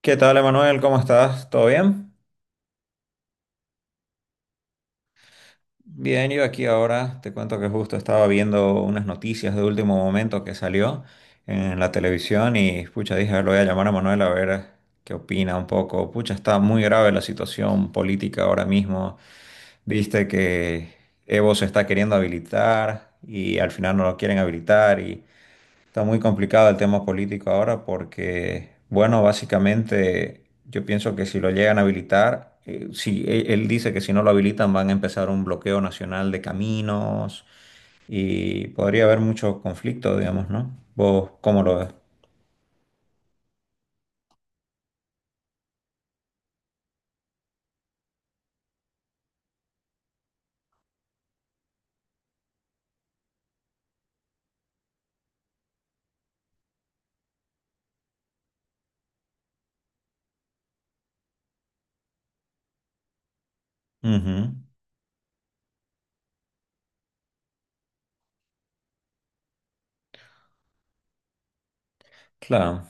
¿Qué tal, Emanuel? ¿Cómo estás? ¿Todo bien? Bien, yo aquí ahora te cuento que justo estaba viendo unas noticias de último momento que salió en la televisión y pucha, dije, a ver, lo voy a llamar a Manuel a ver qué opina un poco. Pucha, está muy grave la situación política ahora mismo. Viste que Evo se está queriendo habilitar y al final no lo quieren habilitar y está muy complicado el tema político ahora porque, bueno, básicamente yo pienso que si lo llegan a habilitar, si e- él dice que si no lo habilitan van a empezar un bloqueo nacional de caminos y podría haber mucho conflicto, digamos, ¿no? ¿Vos cómo lo ves? Ujú. Claro,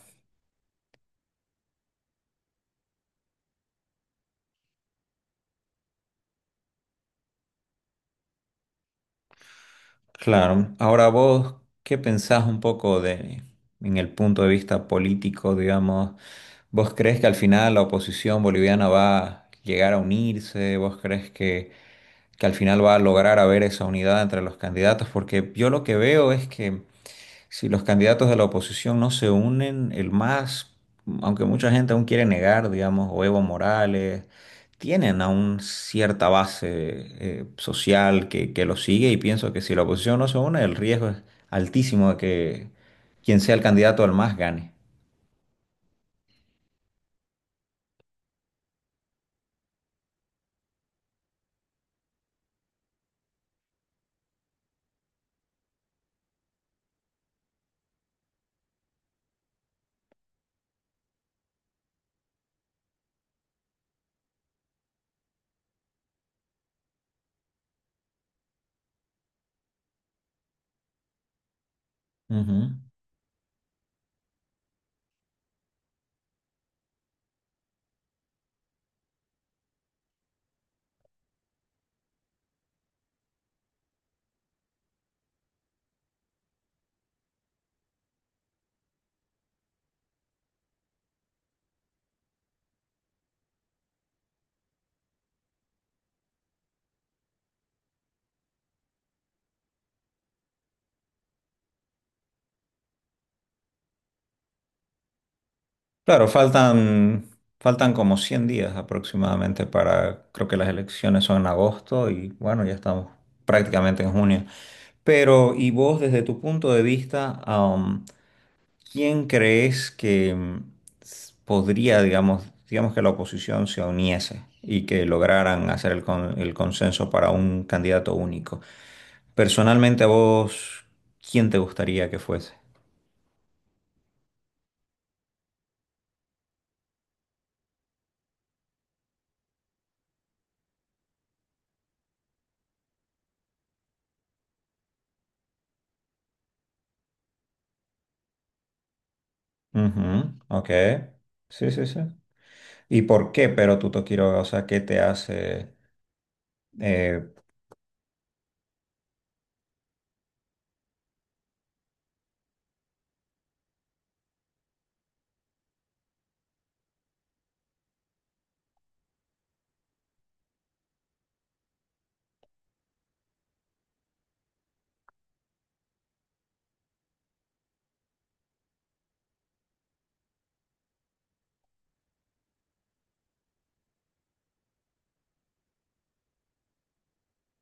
claro. Ahora vos, ¿qué pensás un poco de, ¿en el punto de vista político, digamos? ¿Vos crees que al final la oposición boliviana va a llegar a unirse? ¿Vos crees que al final va a lograr haber esa unidad entre los candidatos? Porque yo lo que veo es que si los candidatos de la oposición no se unen, aunque mucha gente aún quiere negar, digamos, o Evo Morales, tienen aún cierta base social que los sigue, y pienso que si la oposición no se une, el riesgo es altísimo de que quien sea el candidato al más gane. Ujú. Claro, faltan como 100 días aproximadamente para, creo que las elecciones son en agosto, y bueno, ya estamos prácticamente en junio. Pero, y vos desde tu punto de vista, ¿quién crees que podría, digamos, digamos que la oposición se uniese y que lograran hacer el consenso para un candidato único? Personalmente a vos, ¿quién te gustaría que fuese? Ujú, ok. Sí, sí, sí. ¿Y por qué Tuto Quiroga? O sea, ¿qué te hace? Eh,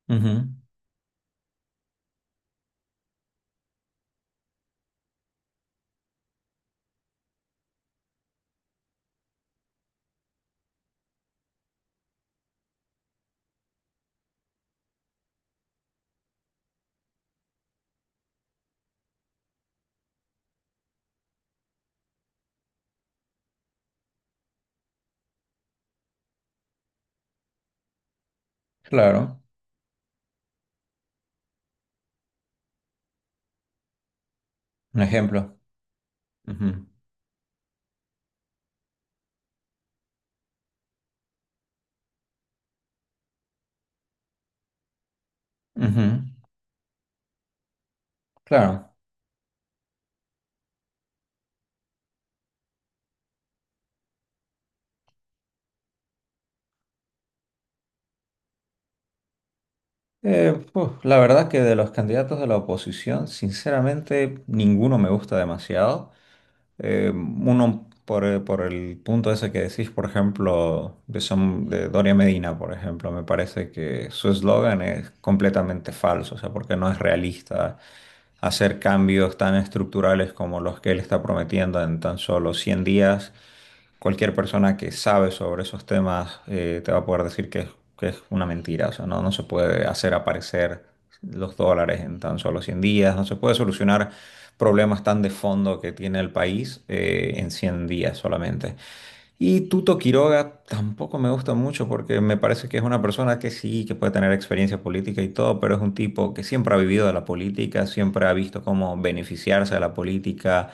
ujú, claro, un ejemplo. Ujú, ujú, claro. Pues, la verdad que de los candidatos de la oposición, sinceramente, ninguno me gusta demasiado. Uno por, por el punto ese que decís, por ejemplo, de, de Doria Medina, por ejemplo, me parece que su eslogan es completamente falso, o sea, porque no es realista hacer cambios tan estructurales como los que él está prometiendo en tan solo 100 días. Cualquier persona que sabe sobre esos temas te va a poder que es una mentira. O sea, no, no se puede hacer aparecer los dólares en tan solo 100 días, no se puede solucionar problemas tan de fondo que tiene el país en 100 días solamente. Y Tuto Quiroga tampoco me gusta mucho porque me parece que es una persona que sí, que puede tener experiencia política y todo, pero es un tipo que siempre ha vivido de la política, siempre ha visto cómo beneficiarse de la política,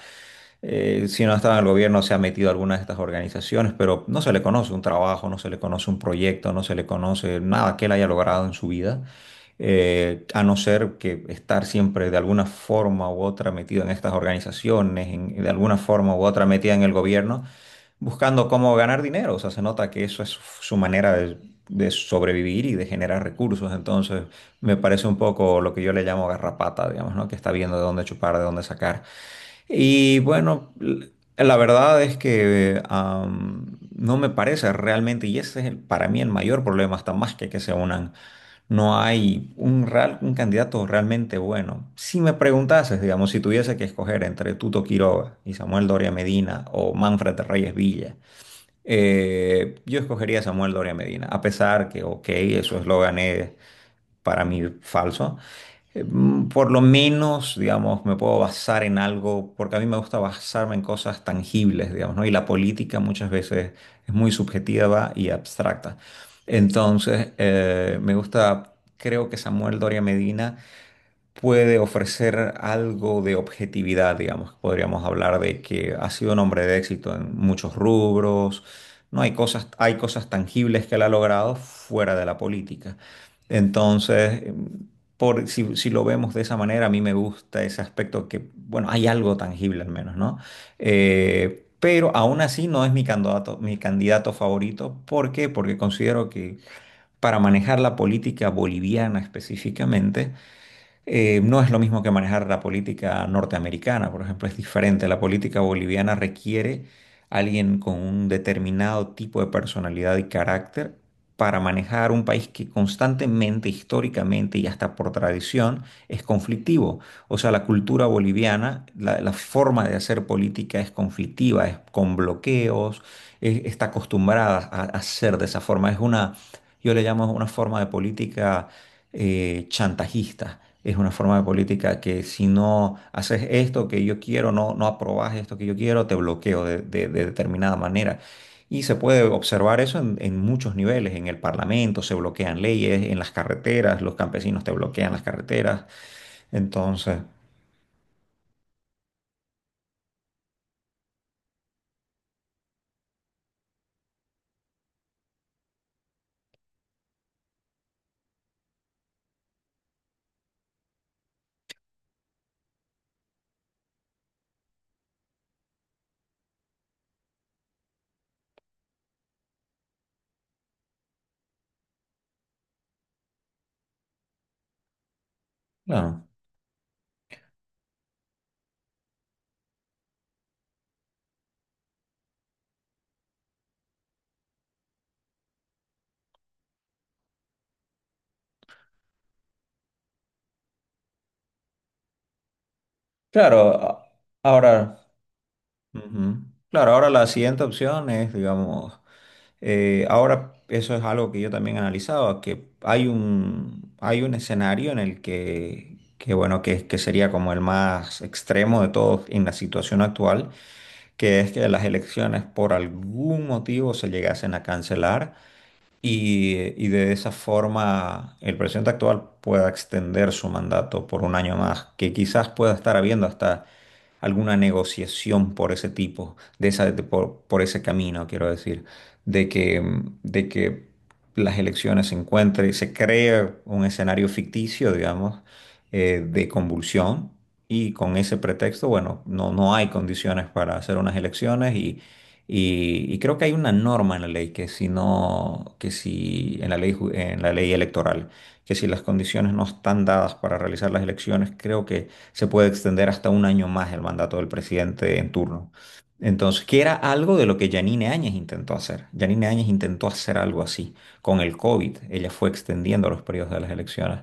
si no estaba en el gobierno, se ha metido a algunas de estas organizaciones, pero no se le conoce un trabajo, no se le conoce un proyecto, no se le conoce nada que él haya logrado en su vida, a no ser que estar siempre de alguna forma u otra metido en estas organizaciones, de alguna forma u otra metida en el gobierno, buscando cómo ganar dinero. O sea, se nota que eso es su manera de sobrevivir y de generar recursos. Entonces, me parece un poco lo que yo le llamo garrapata, digamos, ¿no? Que está viendo de dónde chupar, de dónde sacar. Y bueno, la verdad es que no me parece realmente, y ese es para mí el mayor problema, hasta más que se unan. No hay un candidato realmente bueno. Si me preguntases, digamos, si tuviese que escoger entre Tuto Quiroga y Samuel Doria Medina o Manfred Reyes Villa, yo escogería a Samuel Doria Medina, a pesar que, ok, eso es lo gané para mí falso. Por lo menos, digamos, me puedo basar en algo, porque a mí me gusta basarme en cosas tangibles, digamos, ¿no? Y la política muchas veces es muy subjetiva y abstracta. Entonces, me gusta, creo que Samuel Doria Medina puede ofrecer algo de objetividad, digamos. Podríamos hablar de que ha sido un hombre de éxito en muchos rubros. No hay cosas, hay cosas tangibles que él ha logrado fuera de la política. Entonces, por, si, si lo vemos de esa manera, a mí me gusta ese aspecto que, bueno, hay algo tangible al menos, ¿no? Pero aún así no es mi candidato favorito. ¿Por qué? Porque considero que para manejar la política boliviana específicamente, no es lo mismo que manejar la política norteamericana, por ejemplo, es diferente. La política boliviana requiere alguien con un determinado tipo de personalidad y carácter para manejar un país que constantemente, históricamente y hasta por tradición es conflictivo. O sea, la cultura boliviana, la forma de hacer política es conflictiva, es con bloqueos, está acostumbrada a hacer de esa forma. Es una, yo le llamo una forma de política chantajista. Es una forma de política que si no haces esto que yo quiero, no, no aprobas esto que yo quiero, te bloqueo de determinada manera. Y se puede observar eso en muchos niveles. En el Parlamento se bloquean leyes, en las carreteras, los campesinos te bloquean las carreteras. Entonces, claro. Claro, a- ahora, ujú. Claro, ahora la siguiente opción es, digamos, ahora, eso es algo que yo también he analizado, que hay un escenario en el que bueno, que sería como el más extremo de todos en la situación actual, que es que las elecciones por algún motivo se llegasen a cancelar y, y de esa forma el presidente actual pueda extender su mandato por un año más, que quizás pueda estar habiendo hasta alguna negociación por ese tipo, de esa, por ese camino, quiero decir, de que, de que las elecciones se encuentren, se cree un escenario ficticio, digamos, de convulsión. Y con ese pretexto, bueno, no, no hay condiciones para hacer unas elecciones y creo que hay una norma en la ley que si no, que si en la ley, en la ley electoral, que si las condiciones no están dadas para realizar las elecciones, creo que se puede extender hasta un año más el mandato del presidente en turno. Entonces, que era algo de lo que Yanine Áñez intentó hacer. Yanine Áñez intentó hacer algo así con el COVID. Ella fue extendiendo los periodos de las elecciones.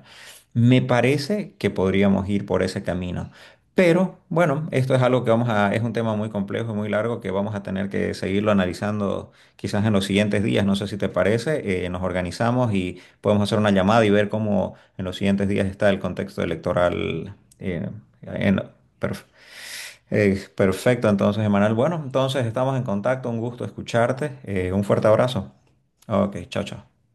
Me parece que podríamos ir por ese camino. Pero bueno, esto es algo que vamos a, es un tema muy complejo y muy largo que vamos a tener que seguirlo analizando quizás en los siguientes días. No sé si te parece, nos organizamos y podemos hacer una llamada y ver cómo en los siguientes días está el contexto electoral. eh, en- perf- Perfecto, entonces, Emanuel. Bueno, entonces estamos en contacto, un gusto escucharte. Eh, un fuerte abrazo. Ok, chao, chao.